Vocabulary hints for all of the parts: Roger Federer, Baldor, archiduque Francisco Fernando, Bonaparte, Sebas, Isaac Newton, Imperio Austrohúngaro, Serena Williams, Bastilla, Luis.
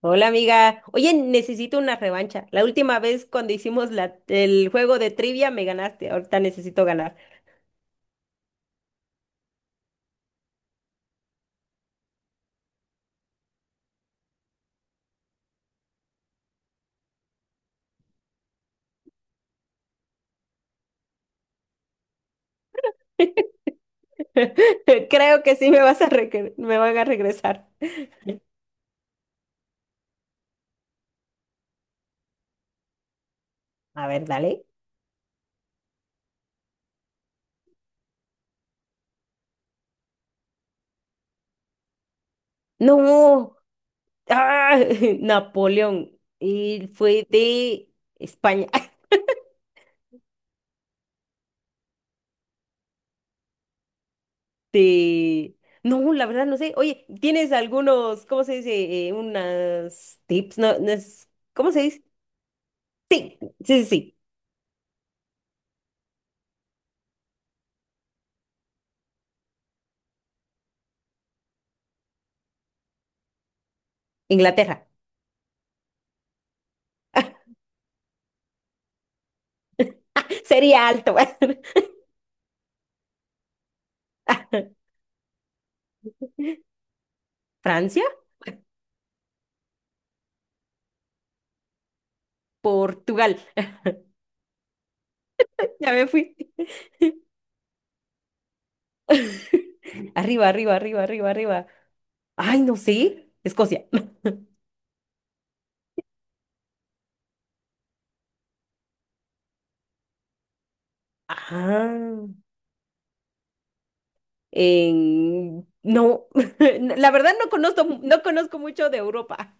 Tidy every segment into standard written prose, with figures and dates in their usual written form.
Hola amiga, oye, necesito una revancha. La última vez cuando hicimos el juego de trivia me ganaste, ahorita necesito ganar. Creo que sí me van a regresar. A ver, dale. No, ¡Ah! Napoleón. Y fue de España. De... No, la verdad no sé. Oye, ¿tienes algunos, cómo se dice? Unas tips, no, ¿cómo se dice? Sí, sí, sí. Inglaterra. Sería alto. Francia. Portugal. Ya me fui. Arriba, arriba, arriba, arriba, arriba. Ay, no sé. Escocia. Ah, No, la verdad no conozco, no conozco mucho de Europa.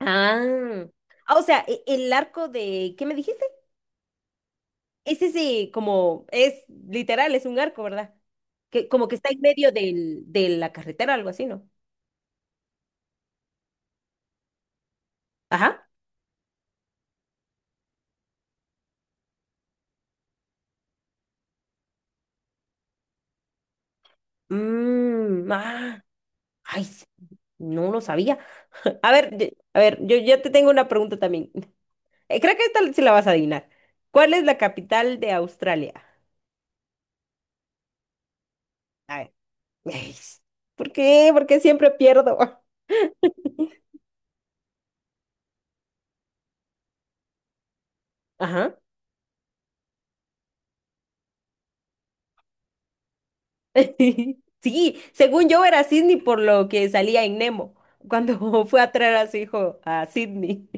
Ah, ah, o sea, el arco de, ¿qué me dijiste? Es ese como, es literal, es un arco, ¿verdad? Que como que está en medio del, de la carretera, algo así, ¿no? Ajá. Ah, ay, no lo sabía. A ver, a ver, yo te tengo una pregunta también. Creo que esta sí la vas a adivinar. ¿Cuál es la capital de Australia? A ver. Ey, ¿por qué? Porque siempre pierdo. Ajá. Sí, según yo era Sydney por lo que salía en Nemo cuando fue a traer a su hijo a Sydney.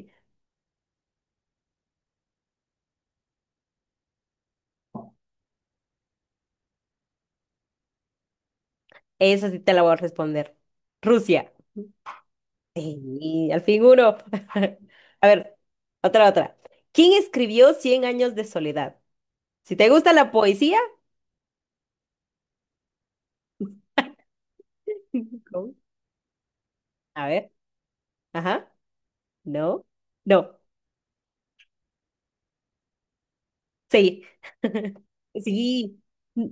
Eso sí te la voy a responder. Rusia. Sí, al fin uno. A ver, otra, otra. ¿Quién escribió Cien años de soledad? Si te gusta la poesía, ¿cómo? A ver, ajá, no, no, sí. Sí. ¿No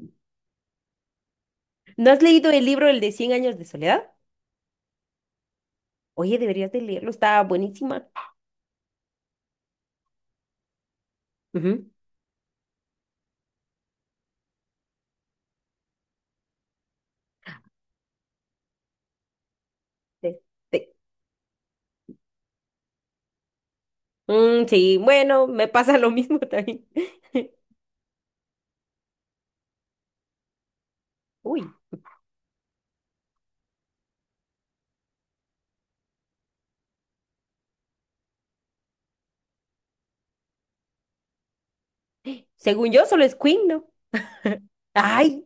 has leído el libro, el de 100 años de soledad? Oye, deberías de leerlo, está buenísima. Ujú. Sí, sí. Mm, sí, bueno, me pasa lo mismo también. Uy, según yo solo es Queen, ¿no? Ay,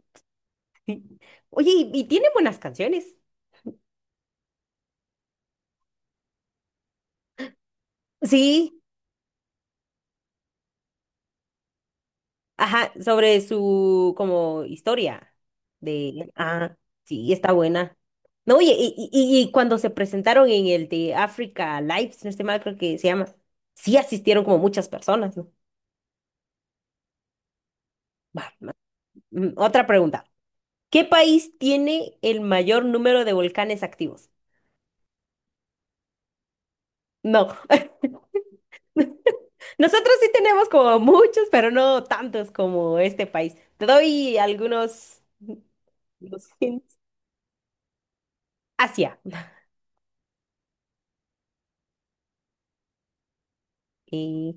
sí. Oye, y tiene buenas canciones. Sí, ajá, sobre su como historia de, ah, sí, está buena. No, y cuando se presentaron en el de Africa Live, si no estoy mal, creo que se llama, sí asistieron como muchas personas, ¿no? Va, va. Otra pregunta. ¿Qué país tiene el mayor número de volcanes activos? No. Nosotros sí tenemos como muchos, pero no tantos como este país. Te doy algunos los hints. Asia. Eh,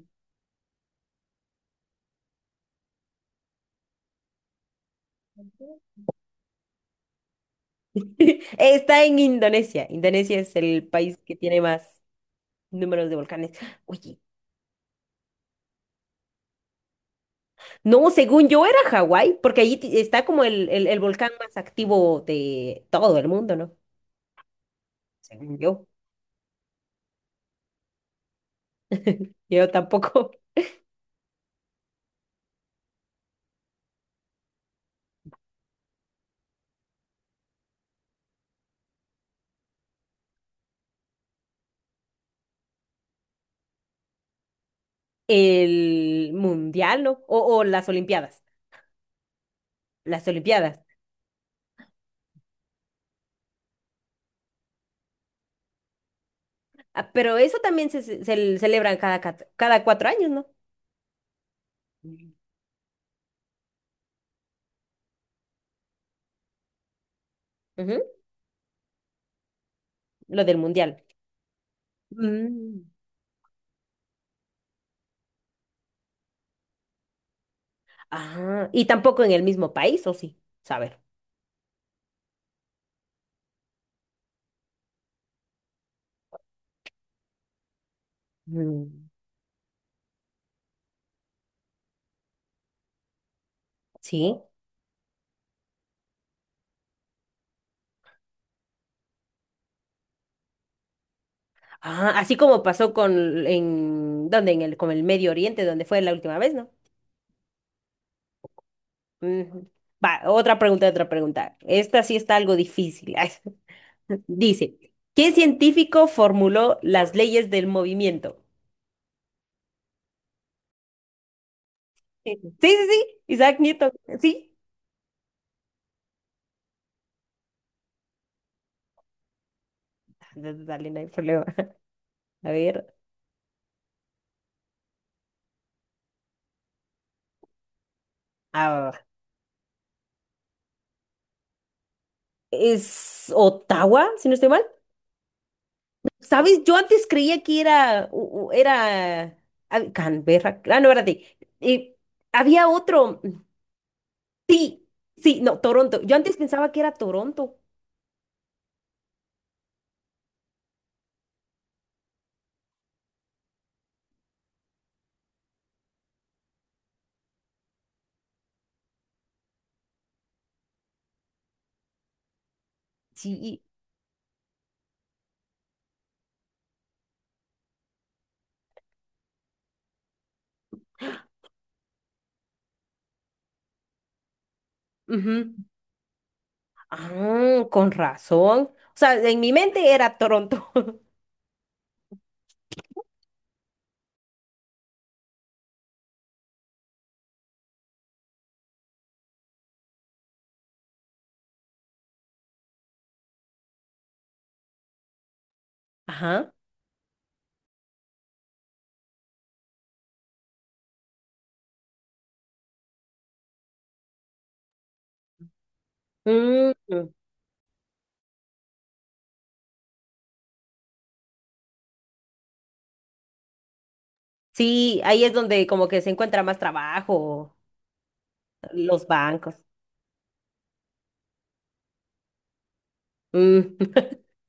está en Indonesia. Indonesia es el país que tiene más números de volcanes. Oye, no, según yo era Hawái, porque ahí está como el volcán más activo de todo el mundo, ¿no? Según yo. Yo tampoco. El mundial, ¿no? O las Olimpiadas. Las Olimpiadas. Ah, pero eso también se celebran cada 4 años, ¿no? Ujú, lo del mundial. Mm. Ah, y tampoco en el mismo país, ¿o sí? Saber. Mm. Sí. Ah, así como pasó con en ¿dónde? En el con el Medio Oriente, donde fue la última vez, ¿no? Mm, va, otra pregunta, otra pregunta. Esta sí está algo difícil. Ay, dice, ¿qué científico formuló las leyes del movimiento? Sí, sí, sí, Isaac Newton, sí. Dale, no hay problema. A ver, ah, es Ottawa, si no estoy mal. ¿Sabes? Yo antes creía que era Canberra. Ah, no, espérate. Había otro. Sí, sí, no, Toronto. Yo antes pensaba que era Toronto. Sí. Ujú. Ah, con razón. O sea, en mi mente era Toronto. Ajá. Mm, sí, ahí es donde como que se encuentra más trabajo, los bancos. Mm,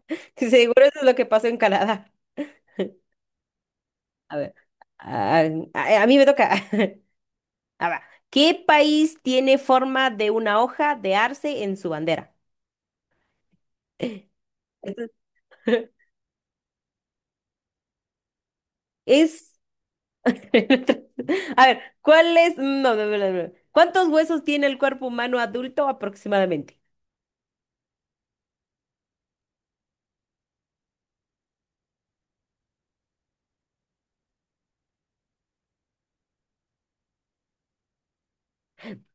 seguro eso es lo que pasó en Canadá. A ver, ah, a mí me toca. A ver, ¿qué país tiene forma de una hoja de arce en su bandera? Esto es... A ver, ¿cuál es... no, no, no, no. No. ¿Cuántos huesos tiene el cuerpo humano adulto aproximadamente?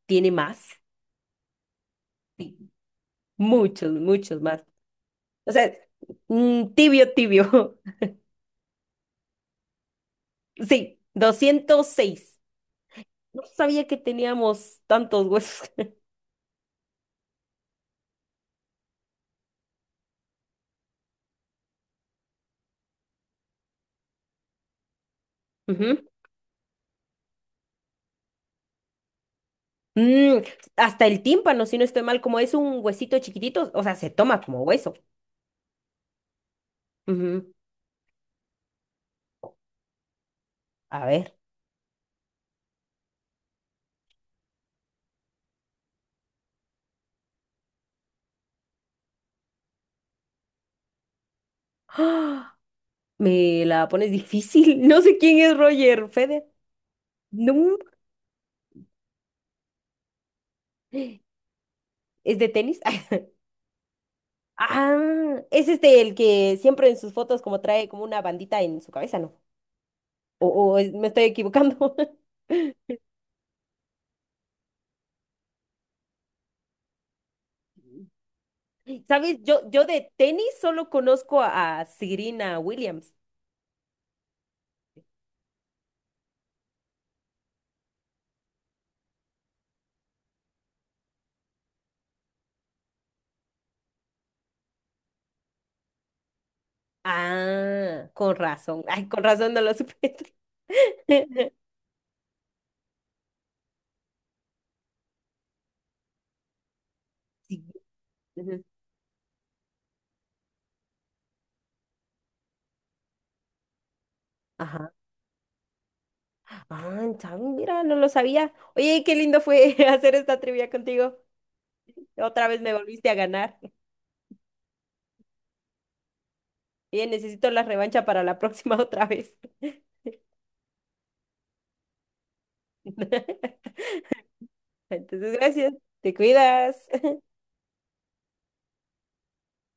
Tiene más, sí, muchos, muchos más. O sea, tibio, tibio. Sí, 206. No sabía que teníamos tantos huesos. Ujú. Mm, hasta el tímpano, si no estoy mal, como es un huesito chiquitito, o sea, se toma como hueso. Ujú. A ver. ¡Ah! Me la pones difícil. No sé quién es Roger Federer. No. ¿Es de tenis? Ah, es este el que siempre en sus fotos como trae como una bandita en su cabeza, ¿no? o, o me estoy equivocando. ¿Sabes? Yo de tenis solo conozco a Serena Williams. Ah, con razón. Ay, con razón no lo supe. Sí, ujú, ajá. Ah, ¿sabes? Mira, no lo sabía. Oye, qué lindo fue hacer esta trivia contigo. Otra vez me volviste a ganar. Oye, necesito la revancha para la próxima otra vez. Entonces, gracias. Te cuidas.